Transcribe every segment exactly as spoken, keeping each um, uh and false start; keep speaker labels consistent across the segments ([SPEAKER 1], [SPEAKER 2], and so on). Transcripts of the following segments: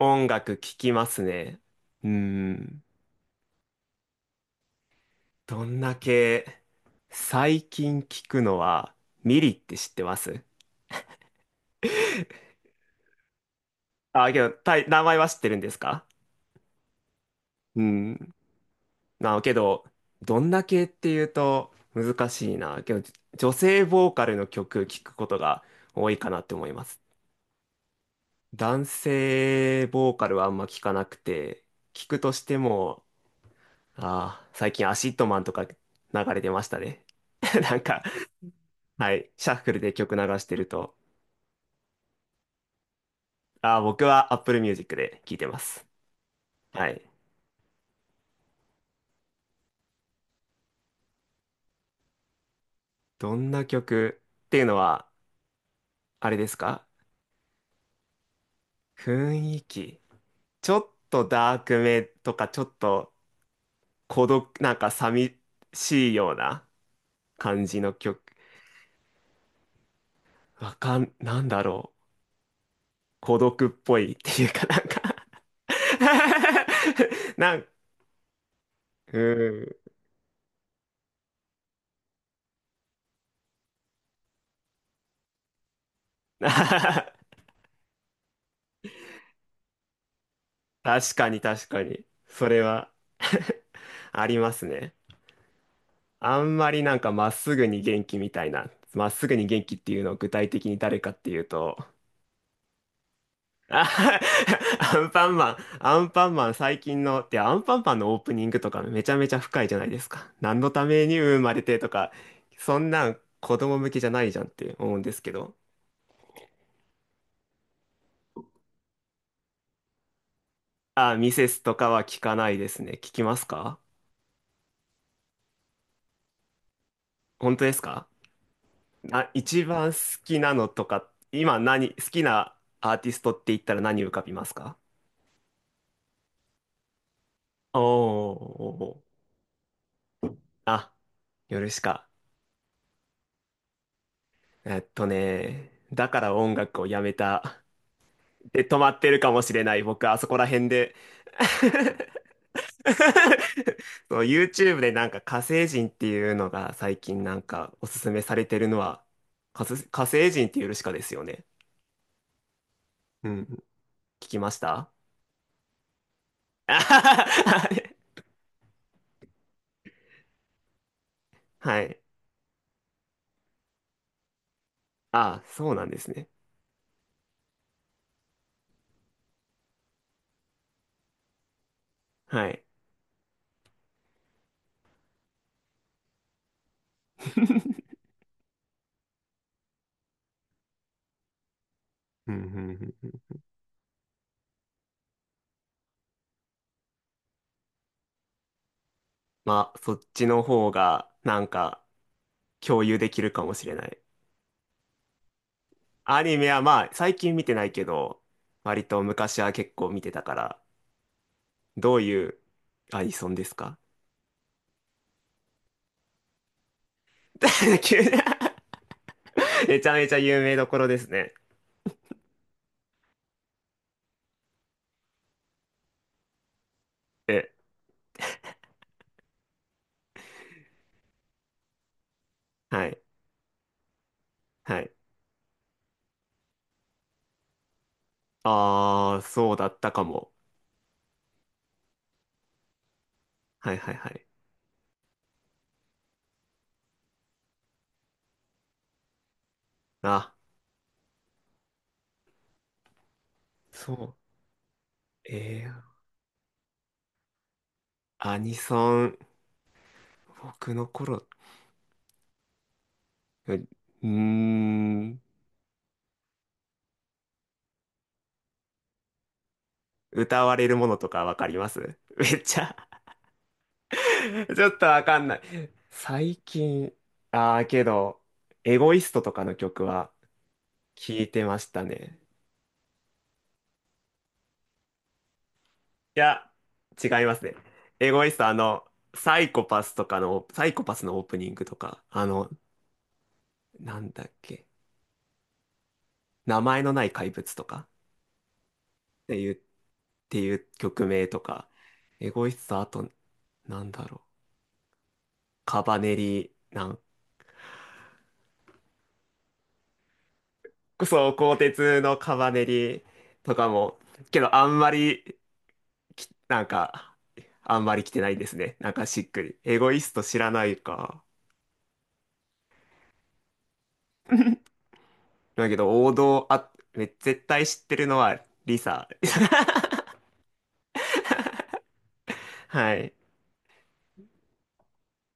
[SPEAKER 1] 音楽聴きますね。うーん。どんだけ、最近聴くのは、ミリって知ってます？ あ、けど、たい名前は知ってるんですか？うん。なあ、けど、どんだけっていうと難しいな。けど、じ女性ボーカルの曲聞くことが多いかなって思います。男性ボーカルはあんま聞かなくて、聞くとしても、ああ、最近アシッドマンとか流れてましたね。なんか、はい。シャッフルで曲流してると、あー、僕は Apple Music で聴いてます。はい。どんな曲っていうのは、あれですか？雰囲気。ちょっとダークめとか、ちょっと孤独、なんか寂しいような感じの曲。わかん、なんだろう。孤独っぽいっていうかなんか。 なん、うん。確かに確かに。それは ありますね。あんまりなんかまっすぐに元気みたいな、まっすぐに元気っていうのを具体的に誰かっていうと、あ。 アンパンマン、アンパンマン最近の、ってアンパンマンのオープニングとかめちゃめちゃ深いじゃないですか。何のために生まれてとか、そんなん子供向けじゃないじゃんって思うんですけど。あ、ミセスとかは聞かないですね。聞きますか？本当ですか？あ、一番好きなのとか、今何、好きなアーティストって言ったら何浮かびますか？おーおーおー。あ、夜しか。えっとね、だから音楽をやめた。で、止まってるかもしれない。僕、あそこら辺で。そう、YouTube でなんか火星人っていうのが最近なんかおすすめされてるのは、火星火星人っていうヨルシカですよね。うん。聞きました？ はい。ああ、そうなんですね。はい。うんうんうんうん。まあ、そっちの方がなんか共有できるかもしれない。アニメはまあ、最近見てないけど、割と昔は結構見てたから、どういうアニソンですか？ 急に めちゃめちゃ有名どころですね。え、はい、はい。あー、そうだったかも。はいはいはい。あ、そう。えー、アニソン、僕の頃、ううーん、歌われるものとかわかります？ めっちゃ ちょっとわかんない。最近、ああ、けど、エゴイストとかの曲は聞いてましたね。いや、違いますね。エゴイスト、あの、サイコパスとかの、サイコパスのオープニングとか、あの、なんだっけ、名前のない怪物とかっていう、っていう曲名とか、エゴイスト、あと、なんだろう、カバネリ、なん、そう、鋼鉄のカバネリとかも、けど、あんまりき、なんか、あんまり来てないですね。なんかしっくり。エゴイスト知らないか。だけど、王道、あ、め絶対知ってるのは、リサ。はい。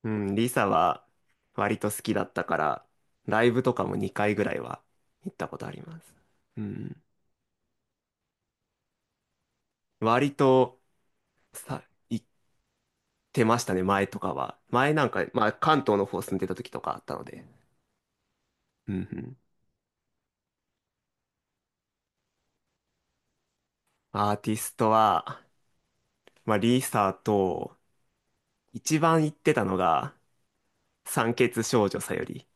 [SPEAKER 1] うん、リサは、割と好きだったから、ライブとかもにかいぐらいは行ったことあります。うん。割と、さ、行ってましたね、前とかは。前なんか、まあ、関東の方住んでた時とかあったので。うんうん。アーティストは、まあ、リサと、一番行ってたのが、酸欠少女さより。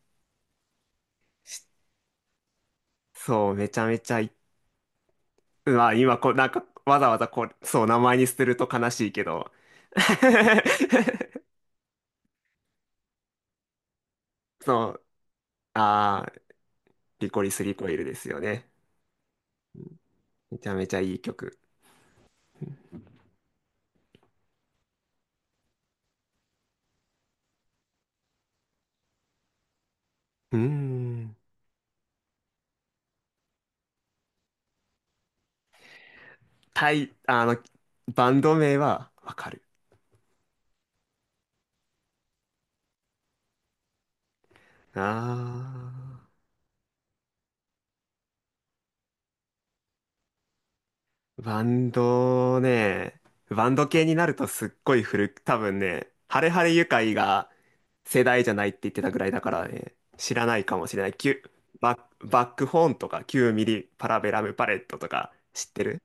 [SPEAKER 1] そう、めちゃめちゃい、まあ今こう、なんか、わざわざこう、そう、名前にすると悲しいけど。そう、あー、リコリス・リコイルですよね。めちゃめちゃいい曲。うーん。タイ、あの、バンド名はわかる。あー。バンドね、バンド系になるとすっごい古く、多分ね、ハレハレユカイが世代じゃないって言ってたぐらいだからね、知らないかもしれない。キュ、バッ、バックホーンとかナインミリパラベラムパレットとか知ってる？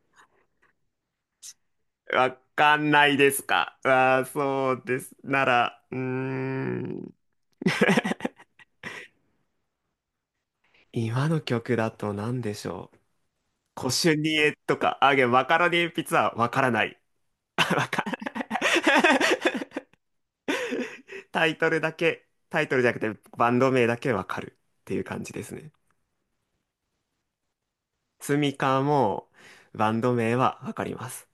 [SPEAKER 1] わかんないですか？ああ、そうです。なら、うーん。今の曲だと何でしょう。コシュニエとか、あげ、マカロニえんぴつはわからない。わかんない。 タイトルだけ、タイトルじゃなくてバンド名だけわかるっていう感じですね。スミカもバンド名はわかります。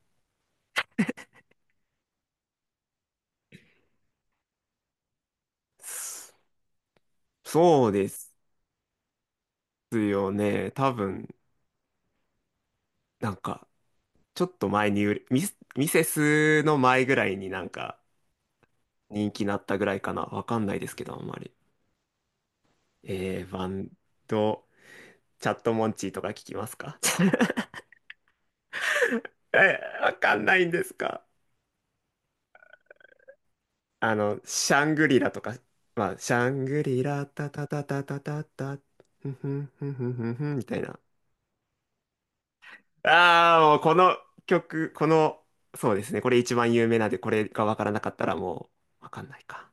[SPEAKER 1] そそうですよね。多分、なんか、ちょっと前に売れ、ミス、ミセスの前ぐらいになんか人気になったぐらいかな。わかんないですけど、あんまり。えー、バンド、チャットモンチーとか聞きますか？ え、わかんないんですか？あの、シャングリラとか、まあ、シャングリラ、タタタタタタタ、ふんふんふんふんふんふんみたいな。ああ、もうこの曲、この、そうですね、これ一番有名なんで、これがわからなかったらもう、わかんないか。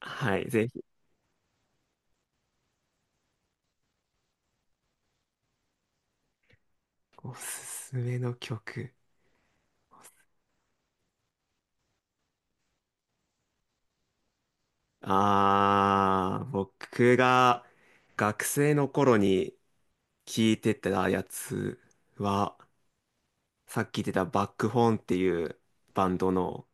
[SPEAKER 1] はい、ぜひ。おすすめの曲。ああ、僕が学生の頃に聴いてたやつは、さっき言ってたバックホーンっていうバンドの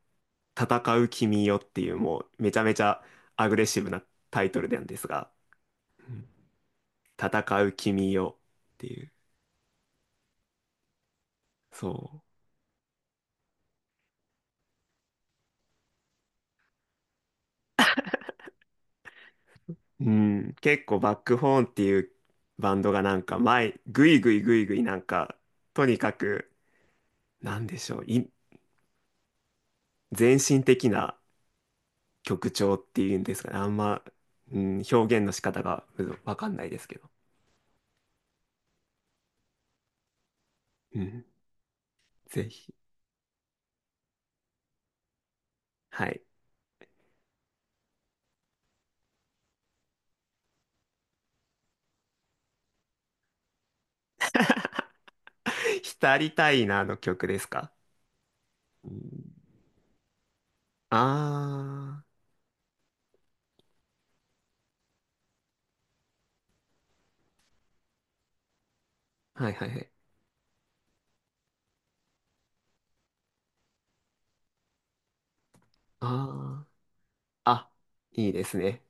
[SPEAKER 1] 戦う君よっていうもうめちゃめちゃアグレッシブなタイトルなんですが、うん、戦う君よっていう、そう。うん、結構バックホーンっていうバンドがなんか前、ぐいぐいぐいぐいなんか、とにかく、なんでしょう、い、全身的な曲調っていうんですかね、あんま、うん、表現の仕方がうん、わかんないですけど。うん、ぜひ。はい。浸りたいなの曲ですか？うん。ああー、はいはいはい。ああ、あ、いいですね。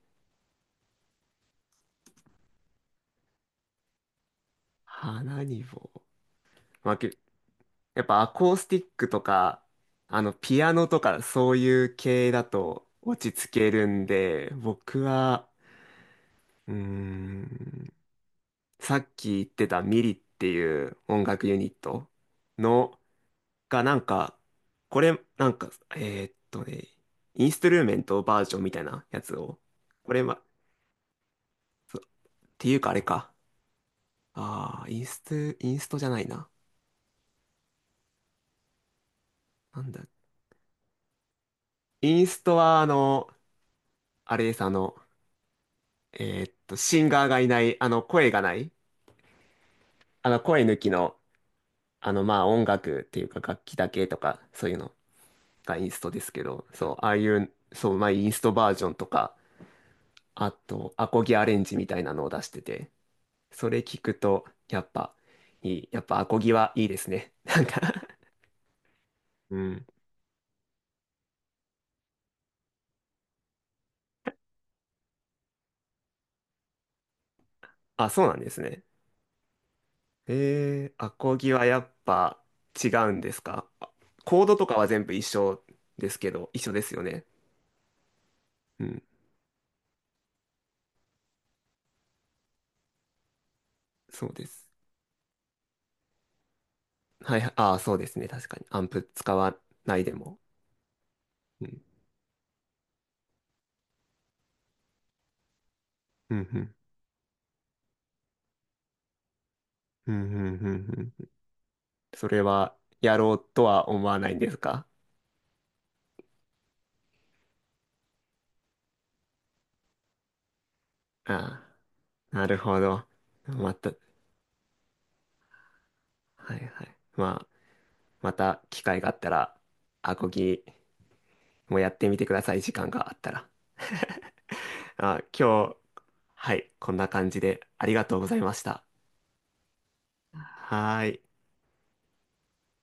[SPEAKER 1] 花に棒。まあ、けやっぱアコースティックとか、あの、ピアノとか、そういう系だと落ち着けるんで、僕は、うーん、さっき言ってたミリっていう音楽ユニットの、がなんか、これ、なんか、えーっとね、インストゥルーメントバージョンみたいなやつを、これは、そうっていうかあれか。ああ、インスト、インストじゃないな。なんだ。インストは、あの、あれです、あの、えーっと、シンガーがいない、あの、声がない、あの、声抜きの、あの、まあ、音楽っていうか、楽器だけとか、そういうのがインストですけど、そう、ああいう、そう、まあ、インストバージョンとか、あと、アコギアレンジみたいなのを出してて、それ聞くと、やっぱ、いい、やっぱアコギはいいですね。なんか。 うん。あ、そうなんですね。えー、アコギはやっぱ違うんですか？あ、コードとかは全部一緒ですけど、一緒ですよね。うん、そうです。はい、ああ、そうですね。確かに。アンプ使わないでも。うん、うん、うん、うん、うん、うんうん。それはやろうとは思わないんですか？ああ、なるほど。また、はいはい。まあ、また機会があったら、アコギもやってみてください。時間があったら。あ、今日、はい、こんな感じでありがとうございました。はーい。